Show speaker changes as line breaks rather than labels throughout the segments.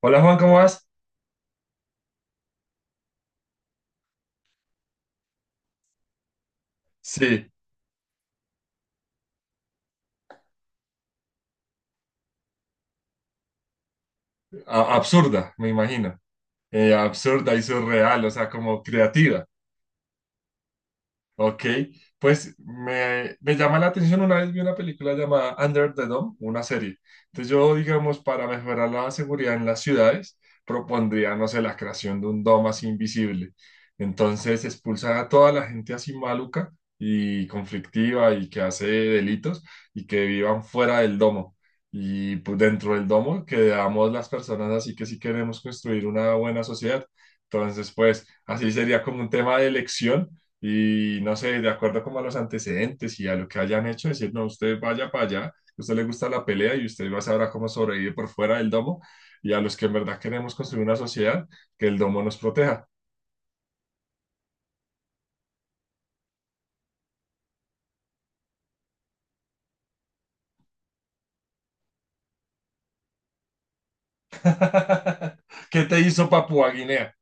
Hola Juan, ¿cómo vas? Sí, absurda, me imagino. Absurda y surreal, o sea, como creativa. Ok, pues me llama la atención, una vez vi una película llamada Under the Dome, una serie. Entonces yo, digamos, para mejorar la seguridad en las ciudades, propondría, no sé, la creación de un domo así invisible. Entonces expulsar a toda la gente así maluca y conflictiva y que hace delitos y que vivan fuera del domo. Y pues dentro del domo quedamos las personas así que sí queremos construir una buena sociedad. Entonces, pues así sería como un tema de elección y no sé, de acuerdo como a los antecedentes y a lo que hayan hecho, decir, no, usted vaya para allá, a usted le gusta la pelea y usted va a saber cómo sobrevivir por fuera del domo y a los que en verdad queremos construir una sociedad, que el domo nos proteja. ¿Qué te hizo Papua Guinea?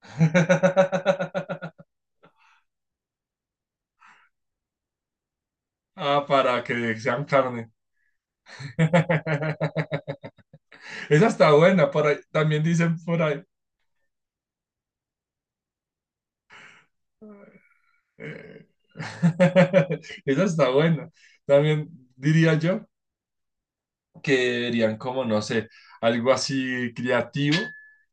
Ah, para que sean carne. Esa está buena, por ahí, también dicen por ahí. eh, Esa está buena. También diría yo que dirían como, no sé, algo así creativo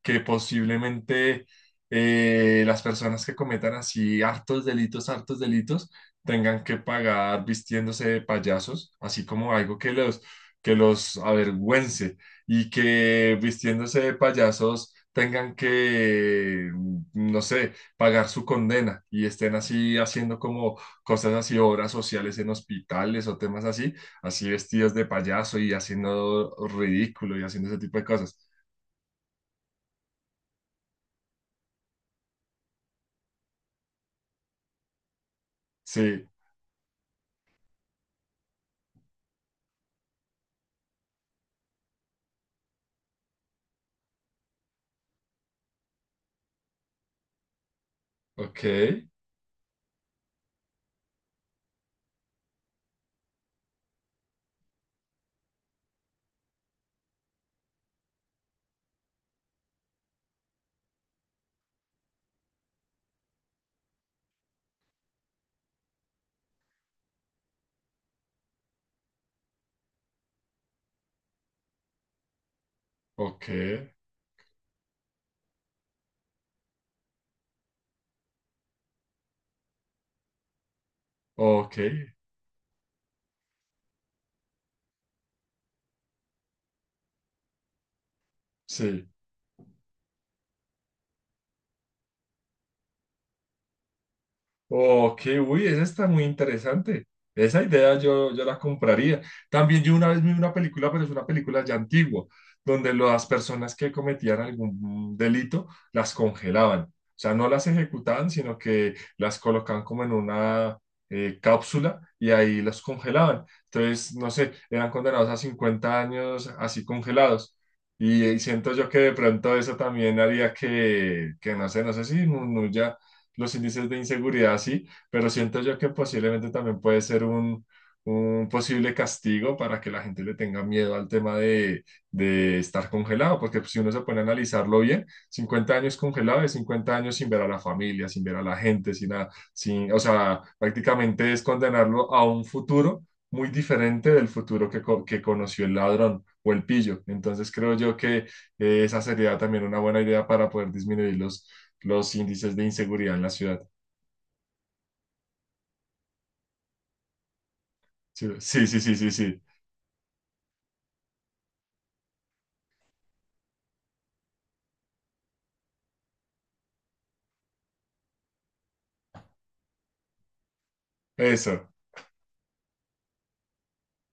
que posiblemente las personas que cometan así hartos delitos, tengan que pagar vistiéndose de payasos, así como algo que los avergüence y que vistiéndose de payasos tengan que, no sé, pagar su condena y estén así haciendo como cosas así, obras sociales en hospitales o temas así así vestidos de payaso y haciendo ridículo y haciendo ese tipo de cosas. Sí, ok, ok, ok, sí. Ok, uy, esa está muy interesante. Esa idea yo la compraría. También yo una vez vi una película, pero es una película ya antigua, donde las personas que cometían algún delito las congelaban. O sea, no las ejecutaban, sino que las colocaban como en una cápsula y ahí los congelaban. Entonces, no sé, eran condenados a 50 años así congelados. Y siento yo que de pronto eso también haría que no sé, no sé si disminuya los índices de inseguridad, sí, pero siento yo que posiblemente también puede ser un posible castigo para que la gente le tenga miedo al tema de estar congelado, porque pues, si uno se pone a analizarlo bien, 50 años congelado es 50 años sin ver a la familia, sin ver a la gente, sin nada, sin, o sea, prácticamente es condenarlo a un futuro muy diferente del futuro que conoció el ladrón o el pillo. Entonces creo yo que esa sería también una buena idea para poder disminuir los índices de inseguridad en la ciudad. Sí, sí, sí, sí, sí, sí. Eso.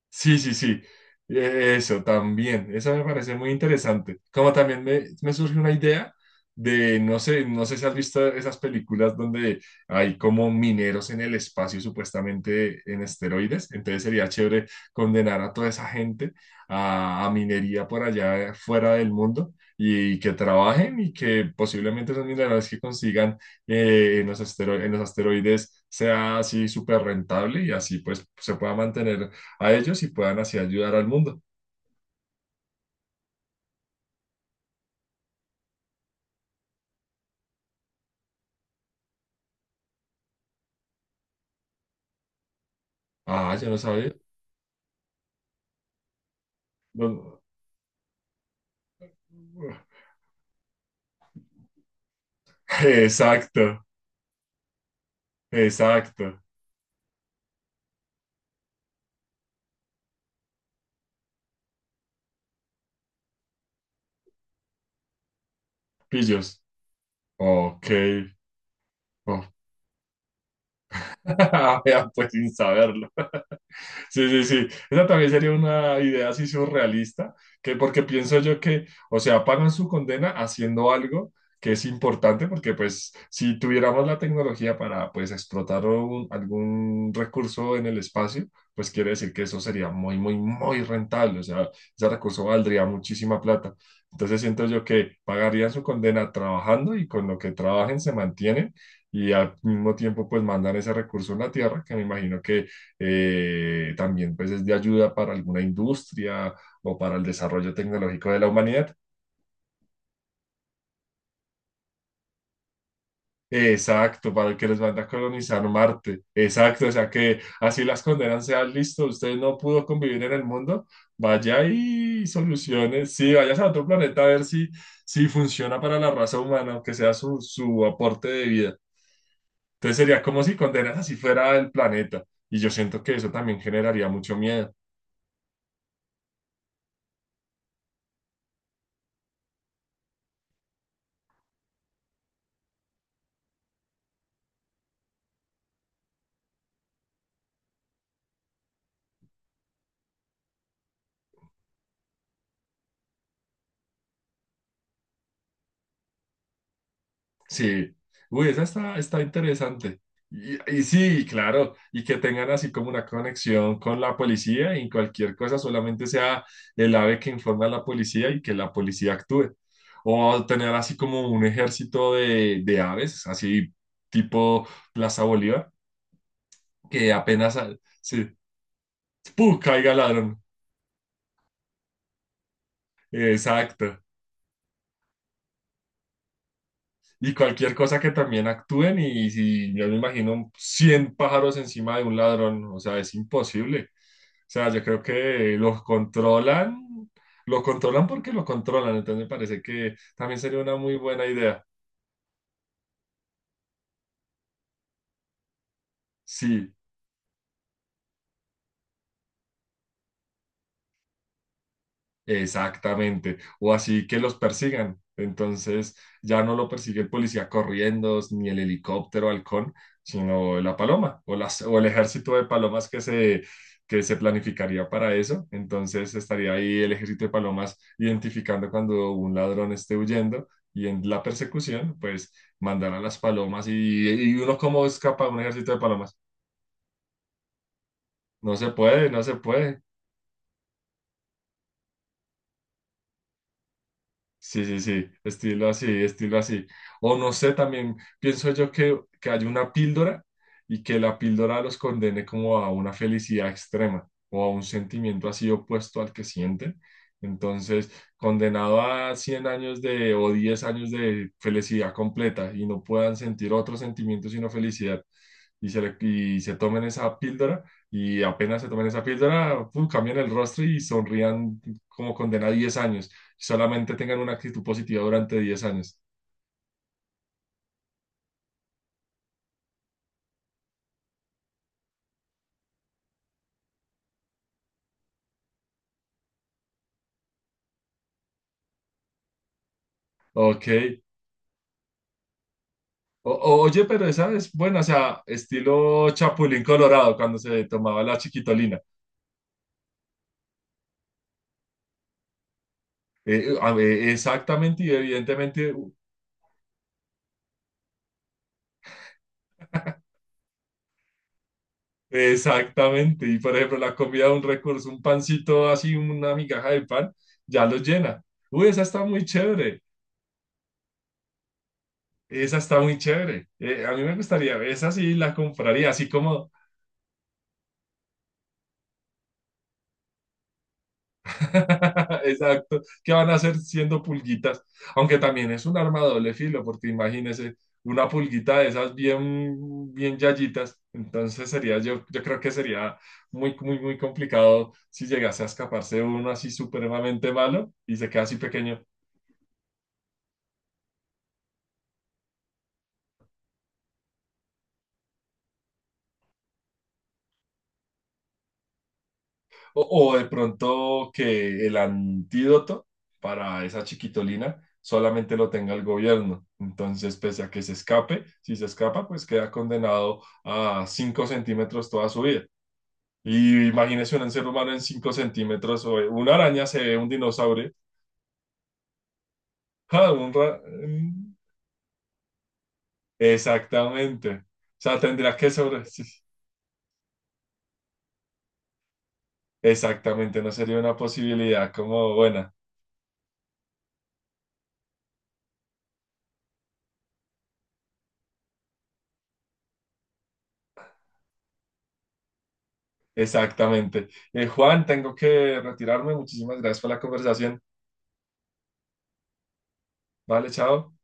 Sí, sí, sí. Eso también. Eso me parece muy interesante. Como también me surge una idea de, no sé, no sé si has visto esas películas donde hay como mineros en el espacio, supuestamente en esteroides. Entonces sería chévere condenar a toda esa gente a minería por allá fuera del mundo y que trabajen y que posiblemente esos minerales que consigan en los asteroides sea así súper rentable y así pues se pueda mantener a ellos y puedan así ayudar al mundo. Ah, yo no sabía. No- Exacto, exacto. Pillos. Ok. Oh. Vean, pues sin saberlo. Sí, sí, sí. Esa también sería una idea así surrealista, que porque pienso yo que, o sea, pagan su condena haciendo algo que es importante, porque pues si tuviéramos la tecnología para pues explotar algún recurso en el espacio, pues quiere decir que eso sería muy, muy, muy rentable, o sea, ese recurso valdría muchísima plata. Entonces siento yo que pagarían su condena trabajando y con lo que trabajen se mantienen y al mismo tiempo pues mandan ese recurso a la Tierra, que me imagino que también pues es de ayuda para alguna industria o para el desarrollo tecnológico de la humanidad. Exacto, para el que les manda a colonizar Marte. Exacto, o sea que así las condenan sean listo, usted no pudo convivir en el mundo, vaya y soluciones, sí, vayas a otro planeta a ver si funciona para la raza humana, aunque sea su aporte de vida. Entonces sería como si condenas así fuera el planeta. Y yo siento que eso también generaría mucho miedo. Sí, uy, esa está interesante. Y sí, claro, y que tengan así como una conexión con la policía y cualquier cosa solamente sea el ave que informa a la policía y que la policía actúe. O tener así como un ejército de aves, así tipo Plaza Bolívar, que apenas, sí, ¡pum! Caiga el ladrón. Exacto. Y cualquier cosa que también actúen y si yo me imagino 100 pájaros encima de un ladrón, o sea, es imposible. O sea, yo creo que los controlan, lo controlan porque lo controlan, entonces me parece que también sería una muy buena idea. Sí. Exactamente, o así que los persigan. Entonces ya no lo persigue el policía corriendo, ni el helicóptero halcón, sino la paloma o el ejército de palomas que se planificaría para eso. Entonces estaría ahí el ejército de palomas identificando cuando un ladrón esté huyendo y en la persecución, pues mandar a las palomas y uno cómo escapa de un ejército de palomas. No se puede, no se puede. Sí, sí, sí, estilo así, estilo así. O no sé, también pienso yo que hay una píldora y que la píldora los condene como a una felicidad extrema o a un sentimiento así opuesto al que sienten. Entonces, condenado a 100 años de o 10 años de felicidad completa y no puedan sentir otro sentimiento sino felicidad y se tomen esa píldora y apenas se tomen esa píldora, pum, cambian el rostro y sonrían como condena a 10 años solamente tengan una actitud positiva durante 10 años. Ok. Oye, pero esa es buena, o sea, estilo Chapulín Colorado, cuando se tomaba la chiquitolina. A ver, exactamente y evidentemente, exactamente. Y por ejemplo, la comida de un recurso, un pancito así, una migaja de pan, ya los llena. Uy, esa está muy chévere, esa está muy chévere. A mí me gustaría, esa sí la compraría, así como Exacto. ¿Qué van a hacer siendo pulguitas? Aunque también es un arma de doble filo, porque imagínese una pulguita de esas bien, bien yayitas. Entonces sería, yo creo que sería muy, muy, muy complicado si llegase a escaparse uno así supremamente malo y se queda así pequeño. O de pronto que el antídoto para esa chiquitolina solamente lo tenga el gobierno. Entonces, pese a que se escape, si se escapa, pues queda condenado a 5 centímetros toda su vida. Y imagínese un ser humano en 5 centímetros, o una araña se ve un dinosaurio. ¡Ja! Mm, Exactamente. O sea, tendría que sobre. Sí. Exactamente, no sería una posibilidad como buena. Exactamente. Juan, tengo que retirarme. Muchísimas gracias por la conversación. Vale, chao.